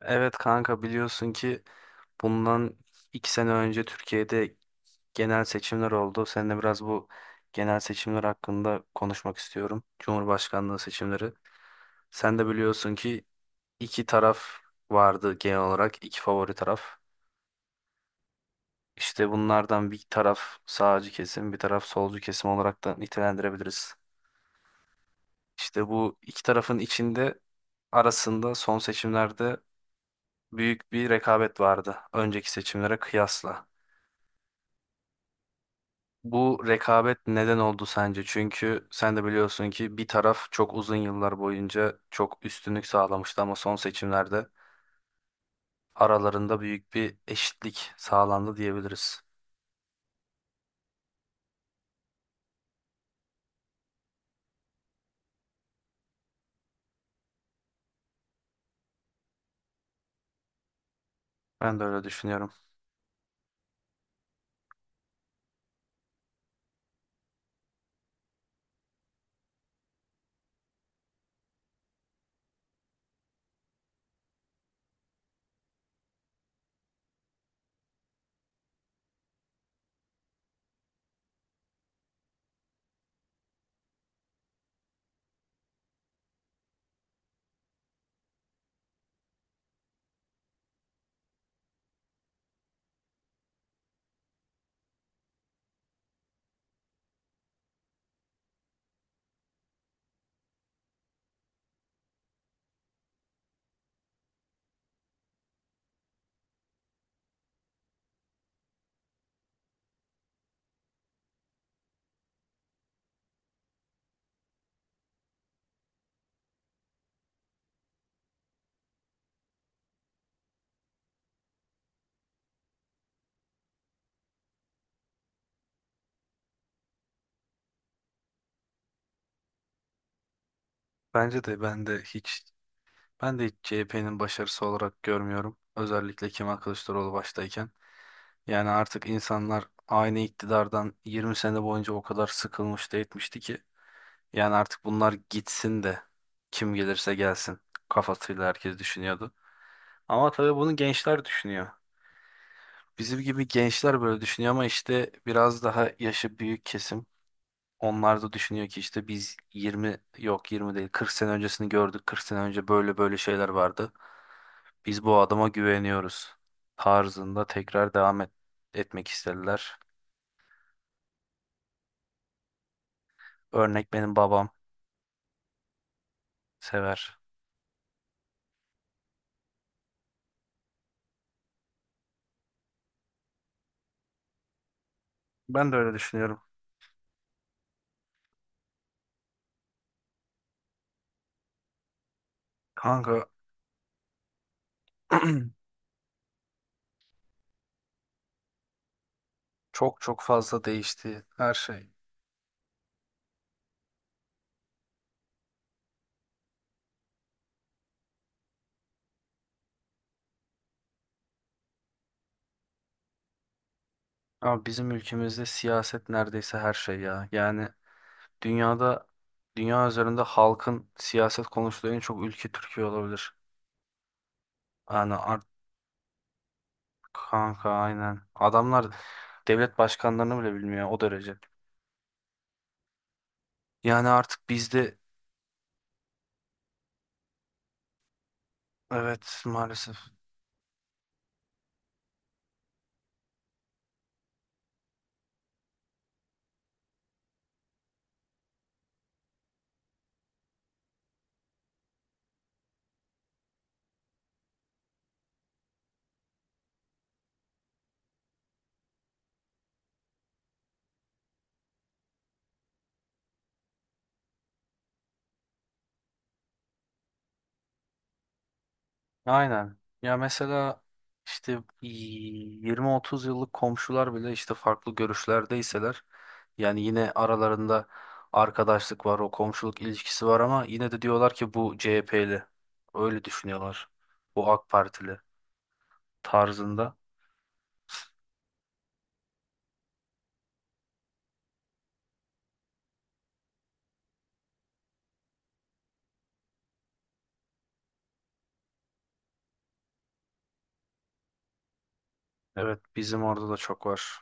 Evet kanka, biliyorsun ki bundan iki sene önce Türkiye'de genel seçimler oldu. Seninle biraz bu genel seçimler hakkında konuşmak istiyorum. Cumhurbaşkanlığı seçimleri. Sen de biliyorsun ki iki taraf vardı genel olarak. İki favori taraf. İşte bunlardan bir taraf sağcı kesim, bir taraf solcu kesim olarak da nitelendirebiliriz. İşte bu iki tarafın arasında son seçimlerde büyük bir rekabet vardı. Önceki seçimlere kıyasla. Bu rekabet neden oldu sence? Çünkü sen de biliyorsun ki bir taraf çok uzun yıllar boyunca çok üstünlük sağlamıştı ama son seçimlerde aralarında büyük bir eşitlik sağlandı diyebiliriz. Ben de öyle düşünüyorum. Bence de ben de hiç CHP'nin başarısı olarak görmüyorum. Özellikle Kemal Kılıçdaroğlu baştayken. Yani artık insanlar aynı iktidardan 20 sene boyunca o kadar sıkılmış da etmişti ki. Yani artık bunlar gitsin de, kim gelirse gelsin kafasıyla herkes düşünüyordu. Ama tabii bunu gençler düşünüyor. Bizim gibi gençler böyle düşünüyor ama işte biraz daha yaşı büyük kesim. Onlar da düşünüyor ki işte biz 20, yok 20 değil 40 sene öncesini gördük. 40 sene önce böyle böyle şeyler vardı. Biz bu adama güveniyoruz tarzında tekrar devam etmek istediler. Örnek benim babam sever. Ben de öyle düşünüyorum. Kanka. Çok çok fazla değişti her şey. Ama bizim ülkemizde siyaset neredeyse her şey ya. Yani dünyada, dünya üzerinde halkın siyaset konuştuğu en çok ülke Türkiye olabilir. Yani kanka, aynen. Adamlar devlet başkanlarını bile bilmiyor, o derece. Yani artık bizde, evet, maalesef. Aynen. Ya mesela işte 20-30 yıllık komşular bile işte farklı görüşlerdeyseler, yani yine aralarında arkadaşlık var, o komşuluk ilişkisi var ama yine de diyorlar ki bu CHP'li. Öyle düşünüyorlar. Bu AK Partili tarzında. Evet, bizim orada da çok var.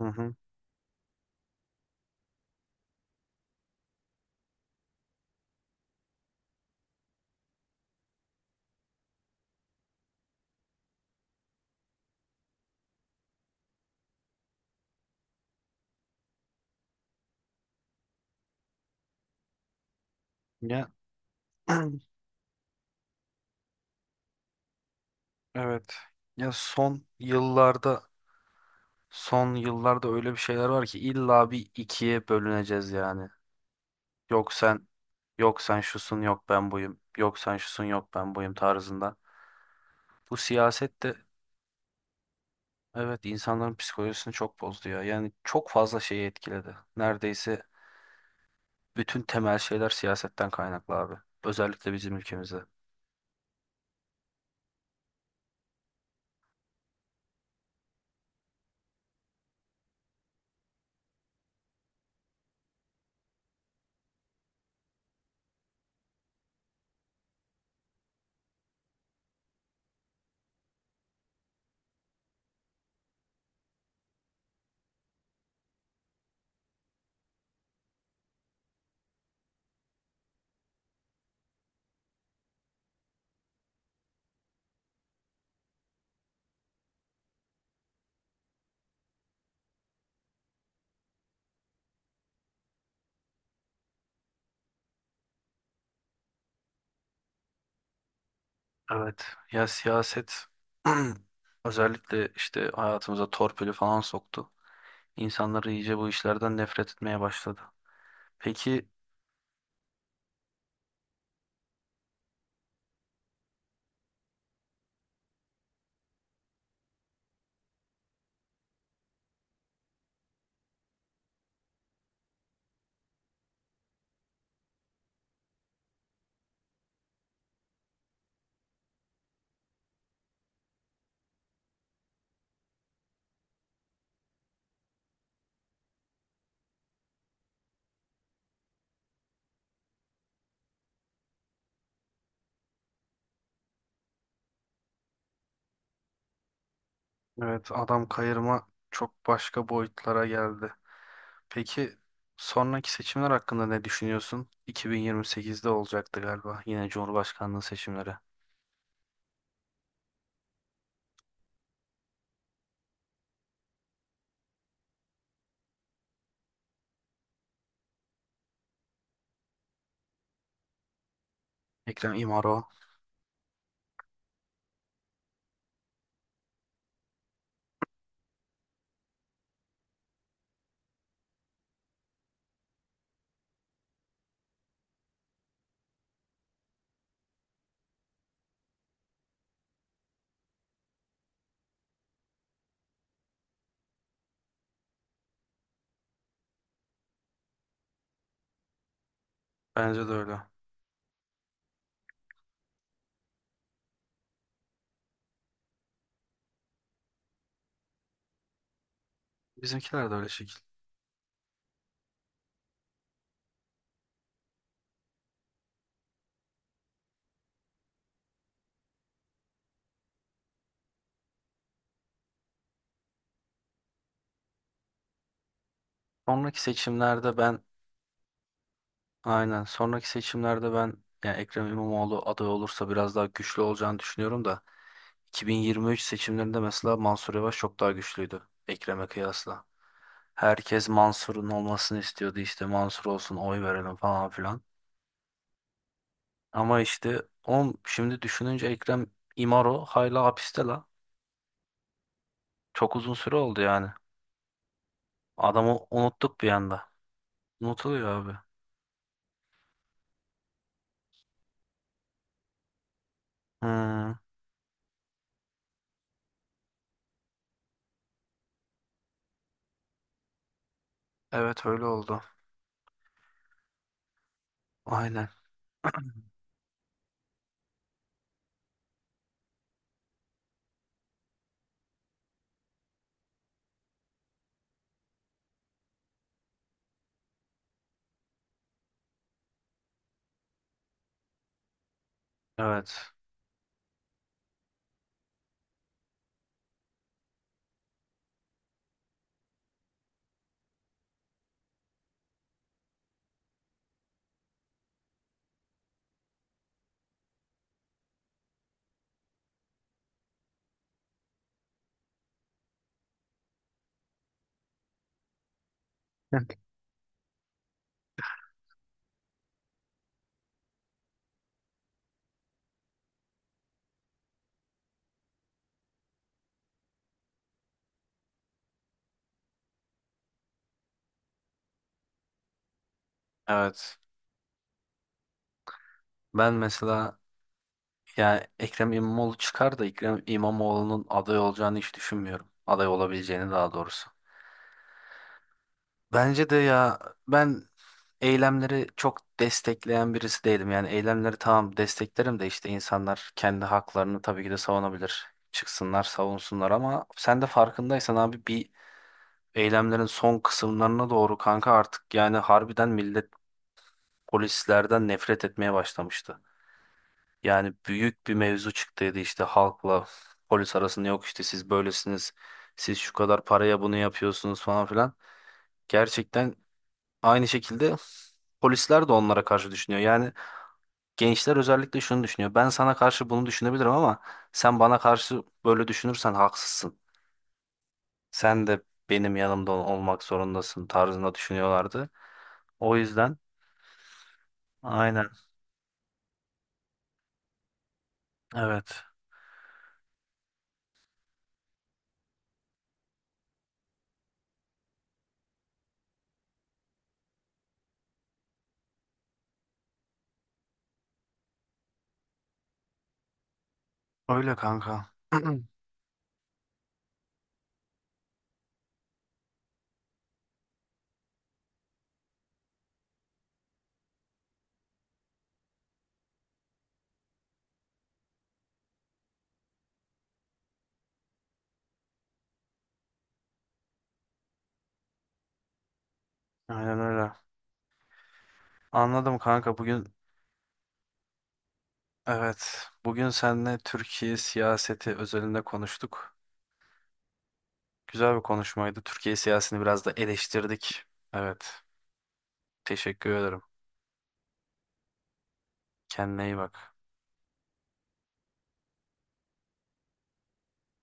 Hı hı. Ya, evet. Ya son yıllarda öyle bir şeyler var ki illa bir ikiye bölüneceğiz yani. Yok sen yok sen şusun, yok ben buyum. Yok sen şusun, yok ben buyum tarzında. Bu siyaset de, evet, insanların psikolojisini çok bozdu ya. Yani çok fazla şeyi etkiledi. Neredeyse bütün temel şeyler siyasetten kaynaklı abi. Özellikle bizim ülkemizde. Evet, ya siyaset özellikle işte hayatımıza torpili falan soktu. İnsanları iyice bu işlerden nefret etmeye başladı. Peki, evet, adam kayırma çok başka boyutlara geldi. Peki, sonraki seçimler hakkında ne düşünüyorsun? 2028'de olacaktı galiba yine Cumhurbaşkanlığı seçimleri. Ekrem İmamoğlu. Bence de öyle. Bizimkiler de öyle şekil. Sonraki seçimlerde ben aynen sonraki seçimlerde ben, yani Ekrem İmamoğlu aday olursa biraz daha güçlü olacağını düşünüyorum da, 2023 seçimlerinde mesela Mansur Yavaş çok daha güçlüydü Ekrem'e kıyasla. Herkes Mansur'un olmasını istiyordu, işte Mansur olsun oy verelim falan filan. Ama işte şimdi düşününce Ekrem İmaro hala hapiste la. Çok uzun süre oldu yani. Adamı unuttuk bir anda. Unutuluyor abi. Hmm, evet, öyle oldu. Aynen. Evet. Evet. Ben mesela, yani Ekrem İmamoğlu çıkar da Ekrem İmamoğlu'nun aday olacağını hiç düşünmüyorum. Aday olabileceğini daha doğrusu. Bence de ya, ben eylemleri çok destekleyen birisi değilim. Yani eylemleri tamam desteklerim de, işte insanlar kendi haklarını tabii ki de savunabilir. Çıksınlar, savunsunlar ama sen de farkındaysan abi, bir eylemlerin son kısımlarına doğru kanka artık yani harbiden millet polislerden nefret etmeye başlamıştı. Yani büyük bir mevzu çıktıydı işte halkla polis arasında, yok işte siz böylesiniz, siz şu kadar paraya bunu yapıyorsunuz falan filan. Gerçekten. Aynı şekilde polisler de onlara karşı düşünüyor. Yani gençler özellikle şunu düşünüyor. Ben sana karşı bunu düşünebilirim ama sen bana karşı böyle düşünürsen haksızsın. Sen de benim yanımda olmak zorundasın tarzında düşünüyorlardı. O yüzden, aynen, evet. Öyle kanka. Aynen öyle. Anladım kanka. Bugün, evet, bugün seninle Türkiye siyaseti özelinde konuştuk. Güzel bir konuşmaydı. Türkiye siyasetini biraz da eleştirdik. Evet. Teşekkür ederim. Kendine iyi bak.